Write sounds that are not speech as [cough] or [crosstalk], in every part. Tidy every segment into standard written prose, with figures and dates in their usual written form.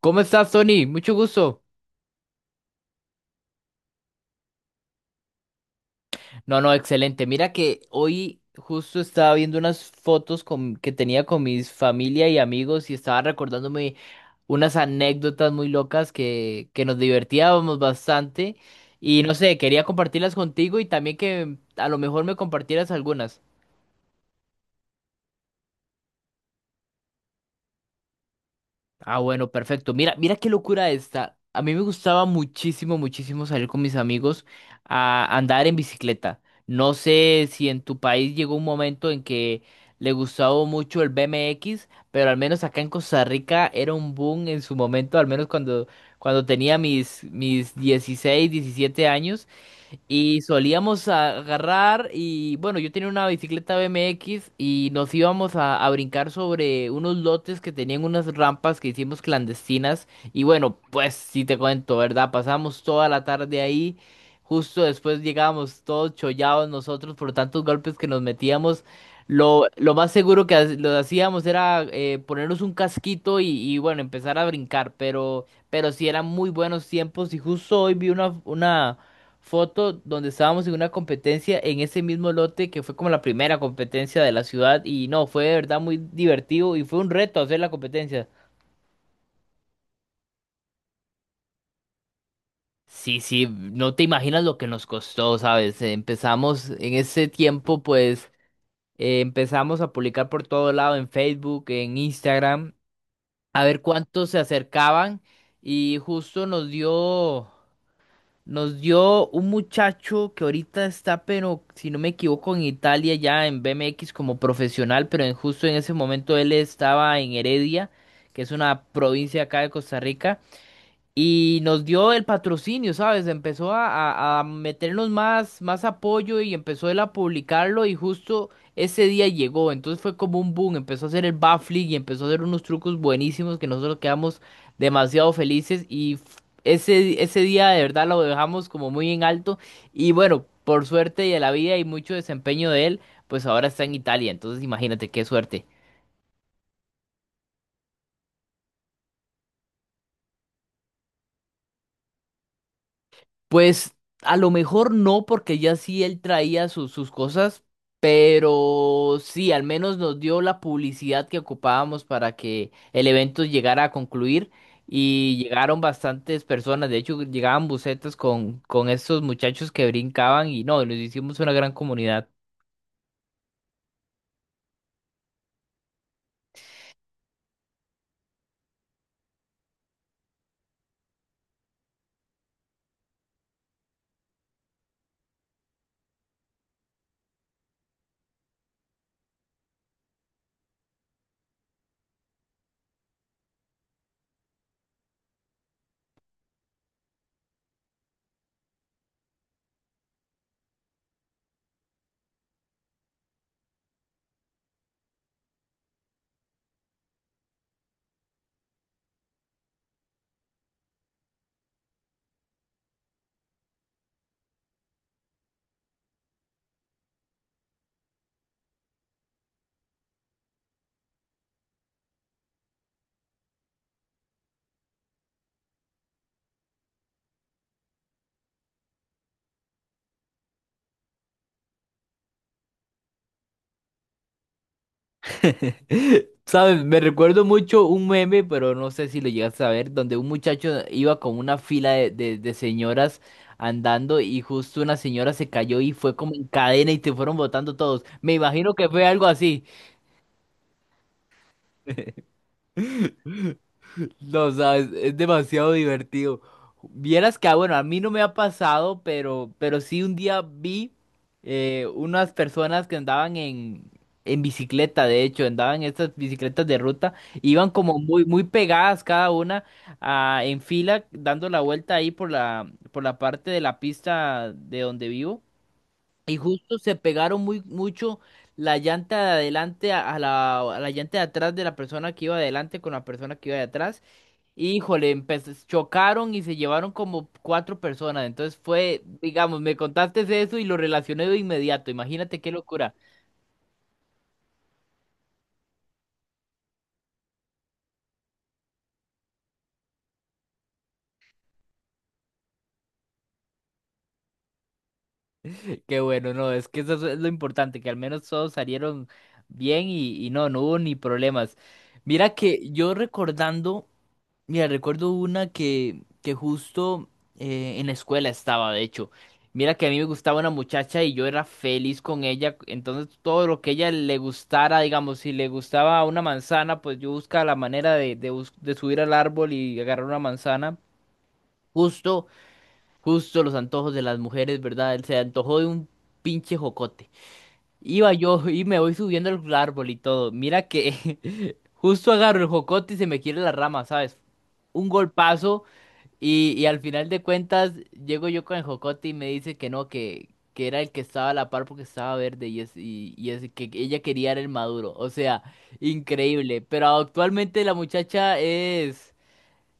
¿Cómo estás, Tony? Mucho gusto. No, no, excelente. Mira que hoy justo estaba viendo unas fotos que tenía con mis familia y amigos y estaba recordándome unas anécdotas muy locas que nos divertíamos bastante y no sé, quería compartirlas contigo y también que a lo mejor me compartieras algunas. Ah, bueno, perfecto. Mira, mira qué locura esta. A mí me gustaba muchísimo, muchísimo salir con mis amigos a andar en bicicleta. No sé si en tu país llegó un momento en que le gustaba mucho el BMX, pero al menos acá en Costa Rica era un boom en su momento, al menos cuando tenía mis 16, 17 años. Y solíamos agarrar y bueno, yo tenía una bicicleta BMX y nos íbamos a brincar sobre unos lotes que tenían unas rampas que hicimos clandestinas y bueno, pues sí te cuento, ¿verdad? Pasamos toda la tarde ahí, justo después llegábamos todos chollados nosotros por tantos golpes que nos metíamos. Lo más seguro que lo hacíamos era ponernos un casquito y bueno, empezar a brincar, pero sí eran muy buenos tiempos y justo hoy vi una foto donde estábamos en una competencia en ese mismo lote que fue como la primera competencia de la ciudad y no, fue de verdad muy divertido y fue un reto hacer la competencia. Sí, sí, no te imaginas lo que nos costó, ¿sabes? Empezamos en ese tiempo, pues empezamos a publicar por todo lado en Facebook, en Instagram, a ver cuántos se acercaban y justo nos dio... Nos dio un muchacho que ahorita está, pero si no me equivoco, en Italia ya en BMX como profesional, pero en, justo en ese momento él estaba en Heredia, que es una provincia acá de Costa Rica, y nos dio el patrocinio, ¿sabes? Empezó a meternos más, más apoyo y empezó él a publicarlo y justo ese día llegó. Entonces fue como un boom, empezó a hacer el backflip y empezó a hacer unos trucos buenísimos que nosotros quedamos demasiado felices ese, ese día de verdad lo dejamos como muy en alto y bueno, por suerte de la vida y mucho desempeño de él, pues ahora está en Italia. Entonces imagínate qué suerte. Pues a lo mejor no, porque ya sí él traía sus cosas, pero sí, al menos nos dio la publicidad que ocupábamos para que el evento llegara a concluir y llegaron bastantes personas, de hecho llegaban bucetas con estos muchachos que brincaban y no, nos hicimos una gran comunidad. [laughs] ¿Sabes? Me recuerdo mucho un meme, pero no sé si lo llegaste a ver, donde un muchacho iba con una fila de, de señoras andando y justo una señora se cayó y fue como en cadena y te fueron botando todos. Me imagino que fue algo así. No sabes, es demasiado divertido. Vieras que, ah, bueno, a mí no me ha pasado, pero sí un día vi unas personas que andaban en bicicleta, de hecho, andaban en estas bicicletas de ruta, iban como muy, muy pegadas cada una ah, en fila, dando la vuelta ahí por la parte de la pista de donde vivo. Y justo se pegaron muy mucho la llanta de adelante a la, a la llanta de atrás de la persona que iba adelante con la persona que iba de atrás. Híjole, chocaron y se llevaron como cuatro personas. Entonces fue, digamos, me contaste eso y lo relacioné de inmediato. Imagínate qué locura. [laughs] Qué bueno, no, es que eso es lo importante, que al menos todos salieron bien y no, no hubo ni problemas. Mira que yo recordando. Mira, recuerdo una que justo en la escuela estaba, de hecho. Mira que a mí me gustaba una muchacha y yo era feliz con ella. Entonces todo lo que ella le gustara, digamos, si le gustaba una manzana, pues yo buscaba la manera de, de subir al árbol y agarrar una manzana. Justo, justo los antojos de las mujeres, ¿verdad? Se antojó de un pinche jocote. Iba yo [laughs] y me voy subiendo al árbol y todo. Mira que [laughs] justo agarro el jocote y se me quiere la rama, ¿sabes? Un golpazo. Y al final de cuentas, llego yo con el jocote y me dice que no, que era el que estaba a la par porque estaba verde y es que ella quería era el maduro. O sea, increíble. Pero actualmente la muchacha es.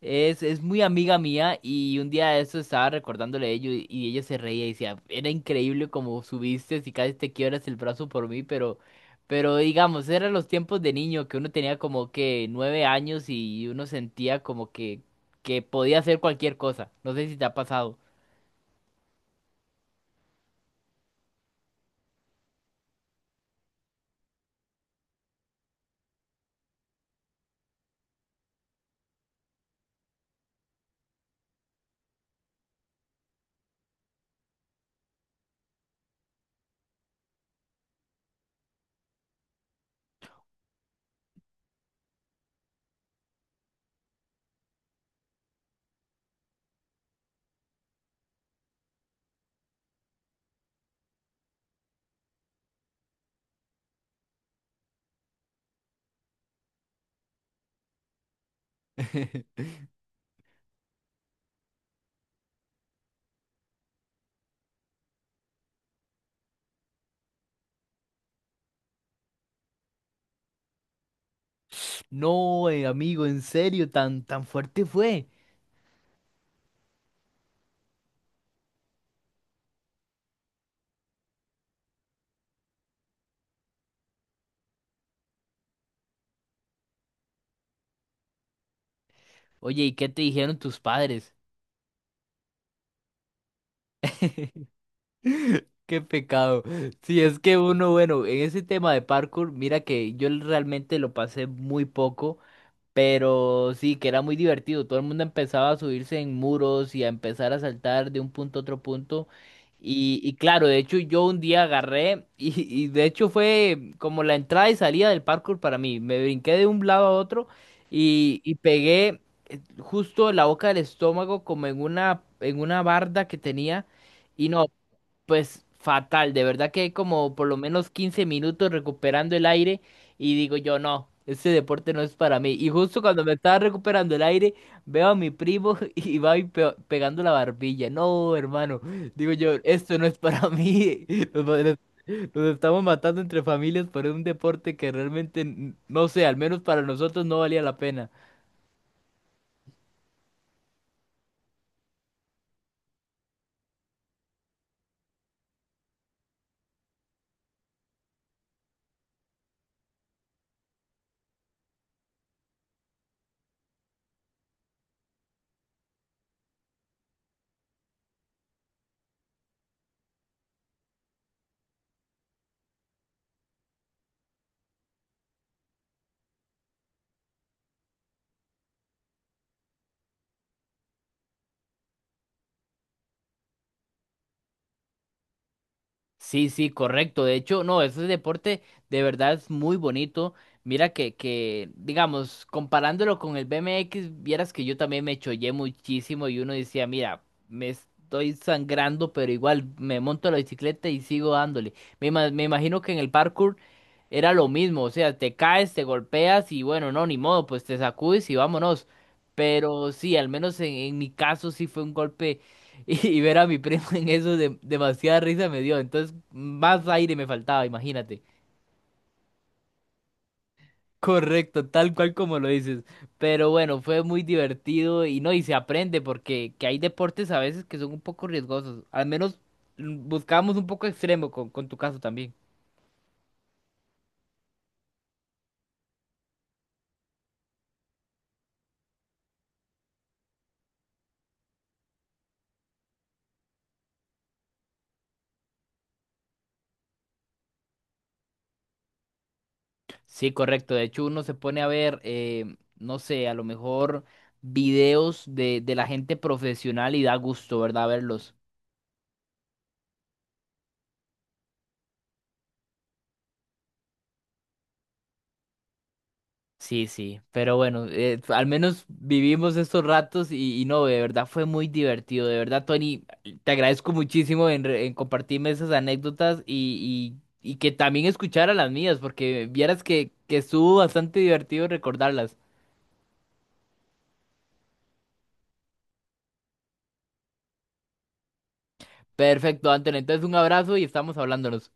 Es muy amiga mía y un día de eso estaba recordándole a ello y ella se reía y decía, era increíble como subiste y casi te quiebras el brazo por mí, pero digamos, eran los tiempos de niño que uno tenía como que 9 años y uno sentía como que podía hacer cualquier cosa. No sé si te ha pasado. [laughs] No, amigo, en serio, tan, tan fuerte fue. Oye, ¿y qué te dijeron tus padres? [laughs] Qué pecado. Si es que uno, bueno, en ese tema de parkour, mira que yo realmente lo pasé muy poco, pero sí, que era muy divertido. Todo el mundo empezaba a subirse en muros y a empezar a saltar de un punto a otro punto. Y claro, de hecho yo un día agarré [laughs] y de hecho fue como la entrada y salida del parkour para mí. Me brinqué de un lado a otro y pegué justo en la boca del estómago como en una barda que tenía. Y no, pues fatal, de verdad que hay como por lo menos 15 minutos recuperando el aire y digo yo, no, este deporte no es para mí. Y justo cuando me estaba recuperando el aire, veo a mi primo [laughs] y va y pegando la barbilla. No, hermano, digo yo, esto no es para mí. [laughs] Nos, va- nos- nos estamos matando entre familias por un deporte que realmente, no sé, al menos para nosotros no valía la pena. Sí, sí, correcto. De hecho, no, ese deporte de verdad es muy bonito. Mira que, digamos, comparándolo con el BMX, vieras que yo también me chollé muchísimo y uno decía, mira, me estoy sangrando, pero igual me monto a la bicicleta y sigo dándole. Me imagino que en el parkour era lo mismo, o sea, te caes, te golpeas y bueno, no, ni modo, pues te sacudes y vámonos. Pero sí, al menos en mi caso sí fue un golpe. Y ver a mi primo en eso de, demasiada risa me dio. Entonces, más aire me faltaba, imagínate. Correcto, tal cual como lo dices. Pero bueno, fue muy divertido y no, y se aprende porque que hay deportes a veces que son un poco riesgosos. Al menos buscábamos un poco extremo con tu caso también. Sí, correcto. De hecho, uno se pone a ver, no sé, a lo mejor videos de la gente profesional y da gusto, ¿verdad? Verlos. Sí, sí, pero bueno, al menos vivimos estos ratos y no, de verdad fue muy divertido, de verdad, Tony, te agradezco muchísimo en, en compartirme esas anécdotas y, y que también escuchara las mías, porque vieras que estuvo bastante divertido recordarlas. Perfecto, Antonio, entonces un abrazo y estamos hablándonos.